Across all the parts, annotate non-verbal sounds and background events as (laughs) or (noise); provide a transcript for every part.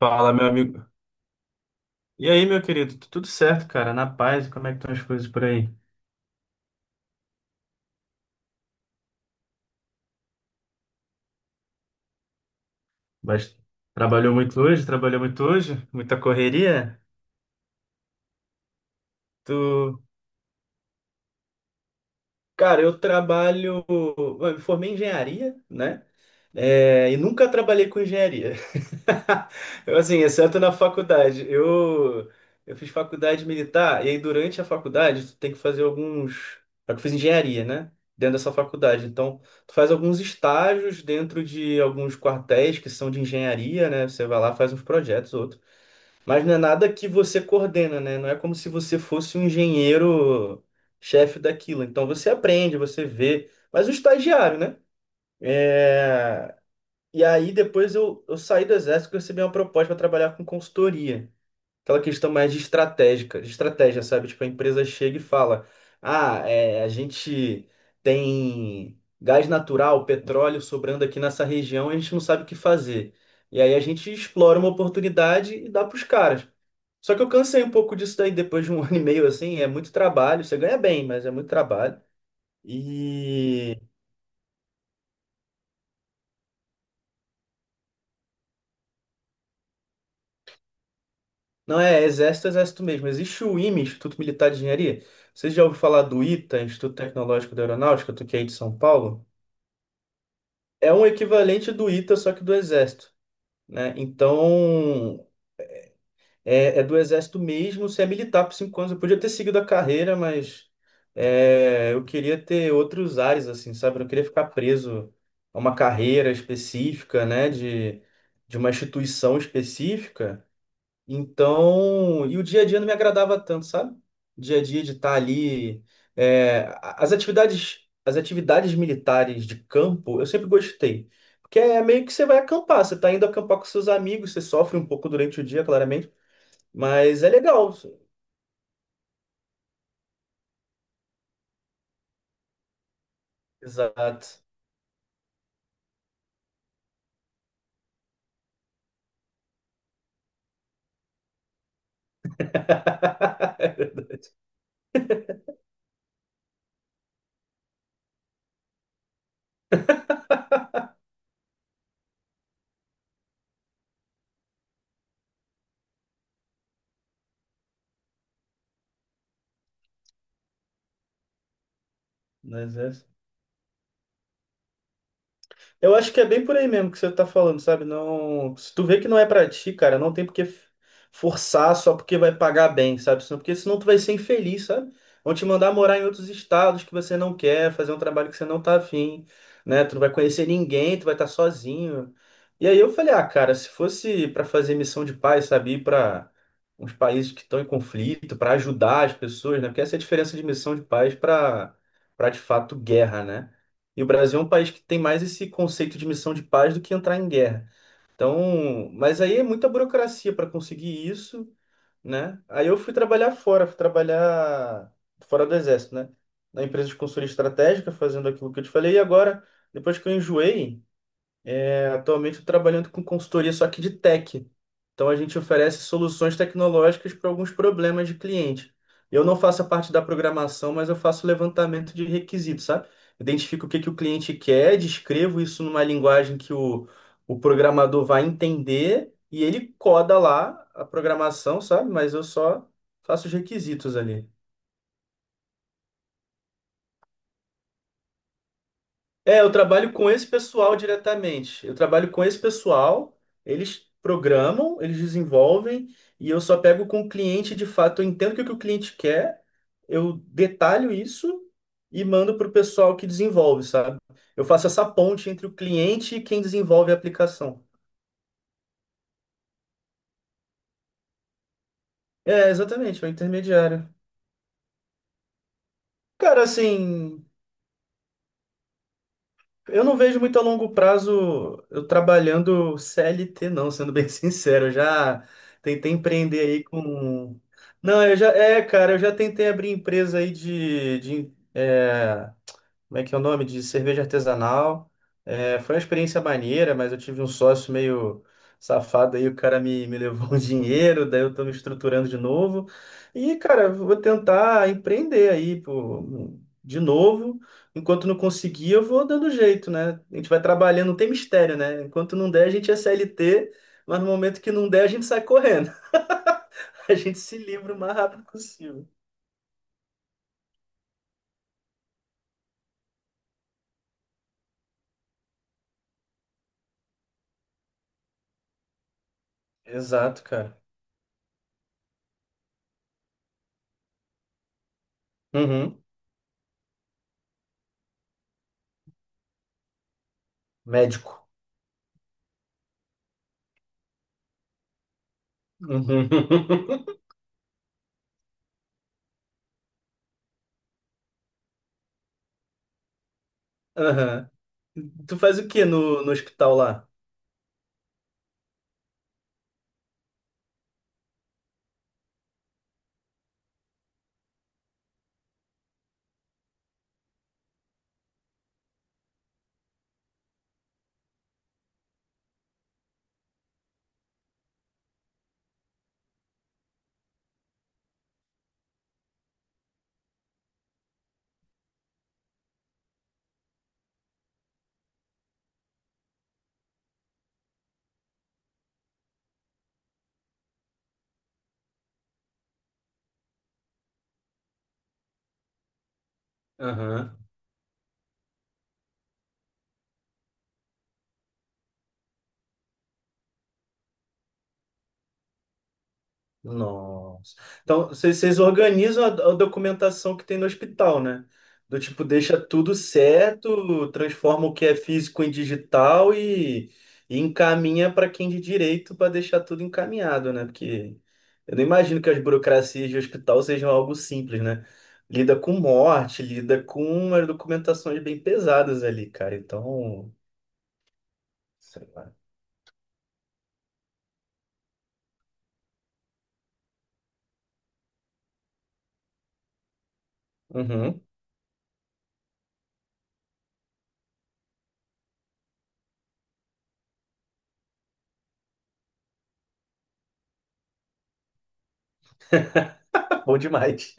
Fala, meu amigo. E aí, meu querido? Tudo certo, cara? Na paz? Como é que estão as coisas por aí? Bast- Trabalhou muito hoje? Trabalhou muito hoje? Muita correria? Tu... Cara, eu me formei em engenharia, né? É, e nunca trabalhei com engenharia. (laughs) Assim, exceto na faculdade. Eu fiz faculdade militar, e aí durante a faculdade tu tem que fazer alguns. Só que eu fiz engenharia, né? Dentro dessa faculdade. Então, tu faz alguns estágios dentro de alguns quartéis que são de engenharia, né? Você vai lá, faz uns projetos, outros. Mas não é nada que você coordena, né? Não é como se você fosse um engenheiro chefe daquilo. Então, você aprende, você vê. Mas o estagiário, né? É, e aí depois eu saí do exército e recebi uma proposta para trabalhar com consultoria. Aquela questão mais de estratégica, de estratégia, sabe? Tipo, a empresa chega e fala: Ah, é, a gente tem gás natural, petróleo sobrando aqui nessa região, e a gente não sabe o que fazer. E aí a gente explora uma oportunidade e dá para os caras. Só que eu cansei um pouco disso daí depois de um (laughs) ano e meio, assim, é muito trabalho. Você ganha bem, mas é muito trabalho. E Não é exército, exército mesmo. Existe o IME, Instituto Militar de Engenharia. Você já ouviu falar do ITA, Instituto Tecnológico da Aeronáutica, do que é aí de São Paulo? É um equivalente do ITA, só que do exército, né? Então, é do exército mesmo. Você é militar por 5 anos. Eu podia ter seguido a carreira, mas eu queria ter outros ares, assim, sabe? Eu não queria ficar preso a uma carreira específica, né? De uma instituição específica. Então, e o dia a dia não me agradava tanto, sabe? Dia a dia de estar ali. As as atividades militares de campo, eu sempre gostei. Porque é meio que você vai acampar, você tá indo acampar com seus amigos, você sofre um pouco durante o dia, claramente, mas é legal. Exato. (laughs) Mas é. Eu acho que é bem por aí mesmo que você tá falando, sabe? Não, se tu vê que não é pra ti, cara, não tem porque forçar só porque vai pagar bem, sabe? Porque senão tu vai ser infeliz, sabe? Vão te mandar morar em outros estados que você não quer, fazer um trabalho que você não tá afim, né? Tu não vai conhecer ninguém, tu vai estar sozinho. E aí eu falei, ah, cara, se fosse pra fazer missão de paz, sabe? Ir pra uns países que estão em conflito, pra ajudar as pessoas, né? Porque essa é a diferença de missão de paz pra para de fato guerra, né? E o Brasil é um país que tem mais esse conceito de missão de paz do que entrar em guerra. Então, mas aí é muita burocracia para conseguir isso, né? Aí eu fui trabalhar fora do exército, né? Na empresa de consultoria estratégica, fazendo aquilo que eu te falei. E agora, depois que eu enjoei, atualmente estou trabalhando com consultoria só que de tech. Então a gente oferece soluções tecnológicas para alguns problemas de cliente. Eu não faço a parte da programação, mas eu faço levantamento de requisitos, sabe? Identifico o que que o cliente quer, descrevo isso numa linguagem que o programador vai entender e ele coda lá a programação, sabe? Mas eu só faço os requisitos ali. É, eu trabalho com esse pessoal diretamente. Eu trabalho com esse pessoal, eles programam, eles desenvolvem, e eu só pego com o cliente de fato. Eu entendo o que o cliente quer, eu detalho isso e mando para o pessoal que desenvolve, sabe? Eu faço essa ponte entre o cliente e quem desenvolve a aplicação. É, exatamente, é o intermediário. Cara, assim, eu não vejo muito a longo prazo eu trabalhando CLT, não, sendo bem (laughs) sincero. Eu já tentei empreender aí com. Não, eu já. É, cara, eu já tentei abrir empresa aí como é que é o nome? De cerveja artesanal. É, foi uma experiência maneira, mas eu tive um sócio meio safado aí, o cara me levou (laughs) um dinheiro, daí eu tô me estruturando de novo. E, cara, vou tentar empreender aí, pô, de novo. Enquanto não conseguir, eu vou dando jeito, né? A gente vai trabalhando, não tem mistério, né? Enquanto não der, a gente é CLT, mas no momento que não der, a gente sai correndo. (laughs) A gente se livra o mais rápido possível. Exato, cara. Uhum. Médico. Uhum. (laughs) Aham. Tu faz o que no hospital lá? Aham. Nossa. Então, vocês organizam a documentação que tem no hospital, né? Do tipo, deixa tudo certo, transforma o que é físico em digital e encaminha para quem de direito para deixar tudo encaminhado, né? Porque eu não imagino que as burocracias de hospital sejam algo simples, né? Lida com morte, lida com umas documentações bem pesadas ali, cara. Então, sei lá. Uhum. Bom demais.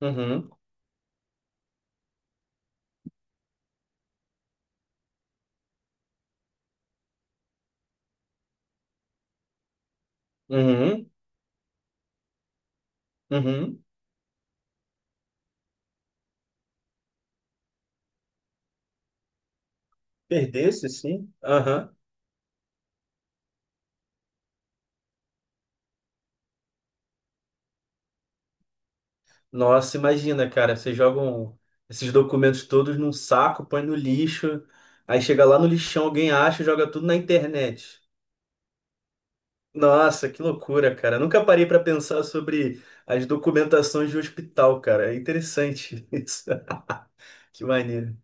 Uhum, uhum, uhum. Perdesse, sim. Aham. Nossa, imagina, cara, vocês jogam esses documentos todos num saco, põe no lixo, aí chega lá no lixão, alguém acha e joga tudo na internet. Nossa, que loucura, cara. Nunca parei para pensar sobre as documentações de hospital, cara. É interessante (laughs) isso. Que maneiro.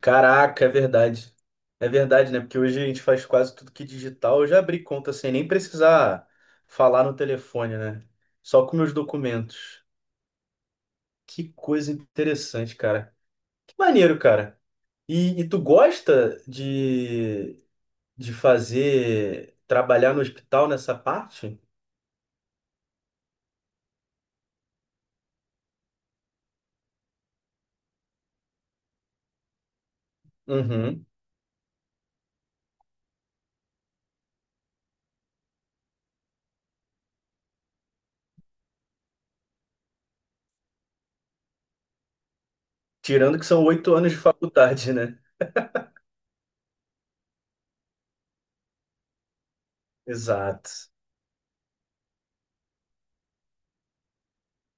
Caraca, é verdade. É verdade, né? Porque hoje a gente faz quase tudo que digital. Eu já abri conta sem nem precisar falar no telefone, né? Só com meus documentos. Que coisa interessante, cara. Que maneiro, cara. E tu gosta de, trabalhar no hospital nessa parte? Uhum. Tirando que são 8 anos de faculdade, né? Exato.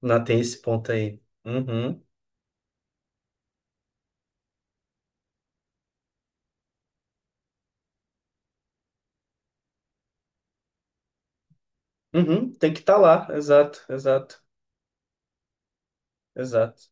Não tem esse ponto aí. Uhum. Uhum. Tem que estar lá. Exato, exato, exato.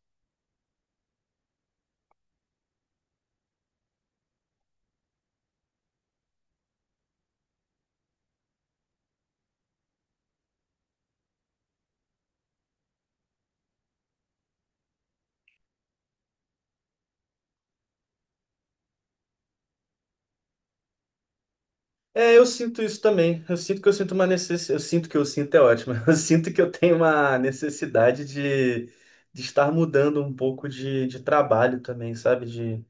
É, eu sinto isso também. Eu sinto que eu sinto uma necessidade. Eu sinto que eu sinto é ótimo. (laughs) Eu sinto que eu tenho uma necessidade de estar mudando um pouco de trabalho também, sabe? De,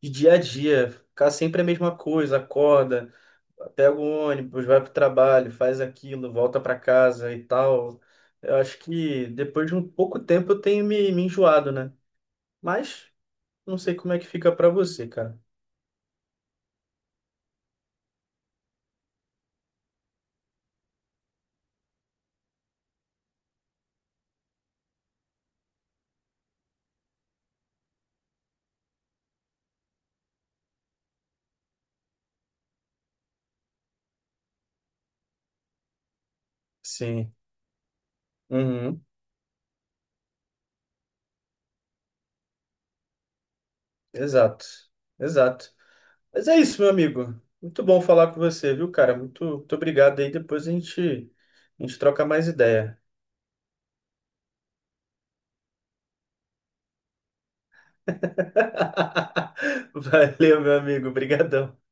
de dia a dia. Ficar sempre a mesma coisa, acorda, pega o ônibus, vai pro trabalho, faz aquilo, volta pra casa e tal. Eu acho que depois de um pouco tempo eu tenho me enjoado, né? Mas não sei como é que fica pra você, cara. Sim. Uhum. Exato. Exato. Mas é isso, meu amigo. Muito bom falar com você, viu, cara? Muito, muito obrigado aí. Depois a gente troca mais ideia. (laughs) Valeu, meu amigo. Obrigadão.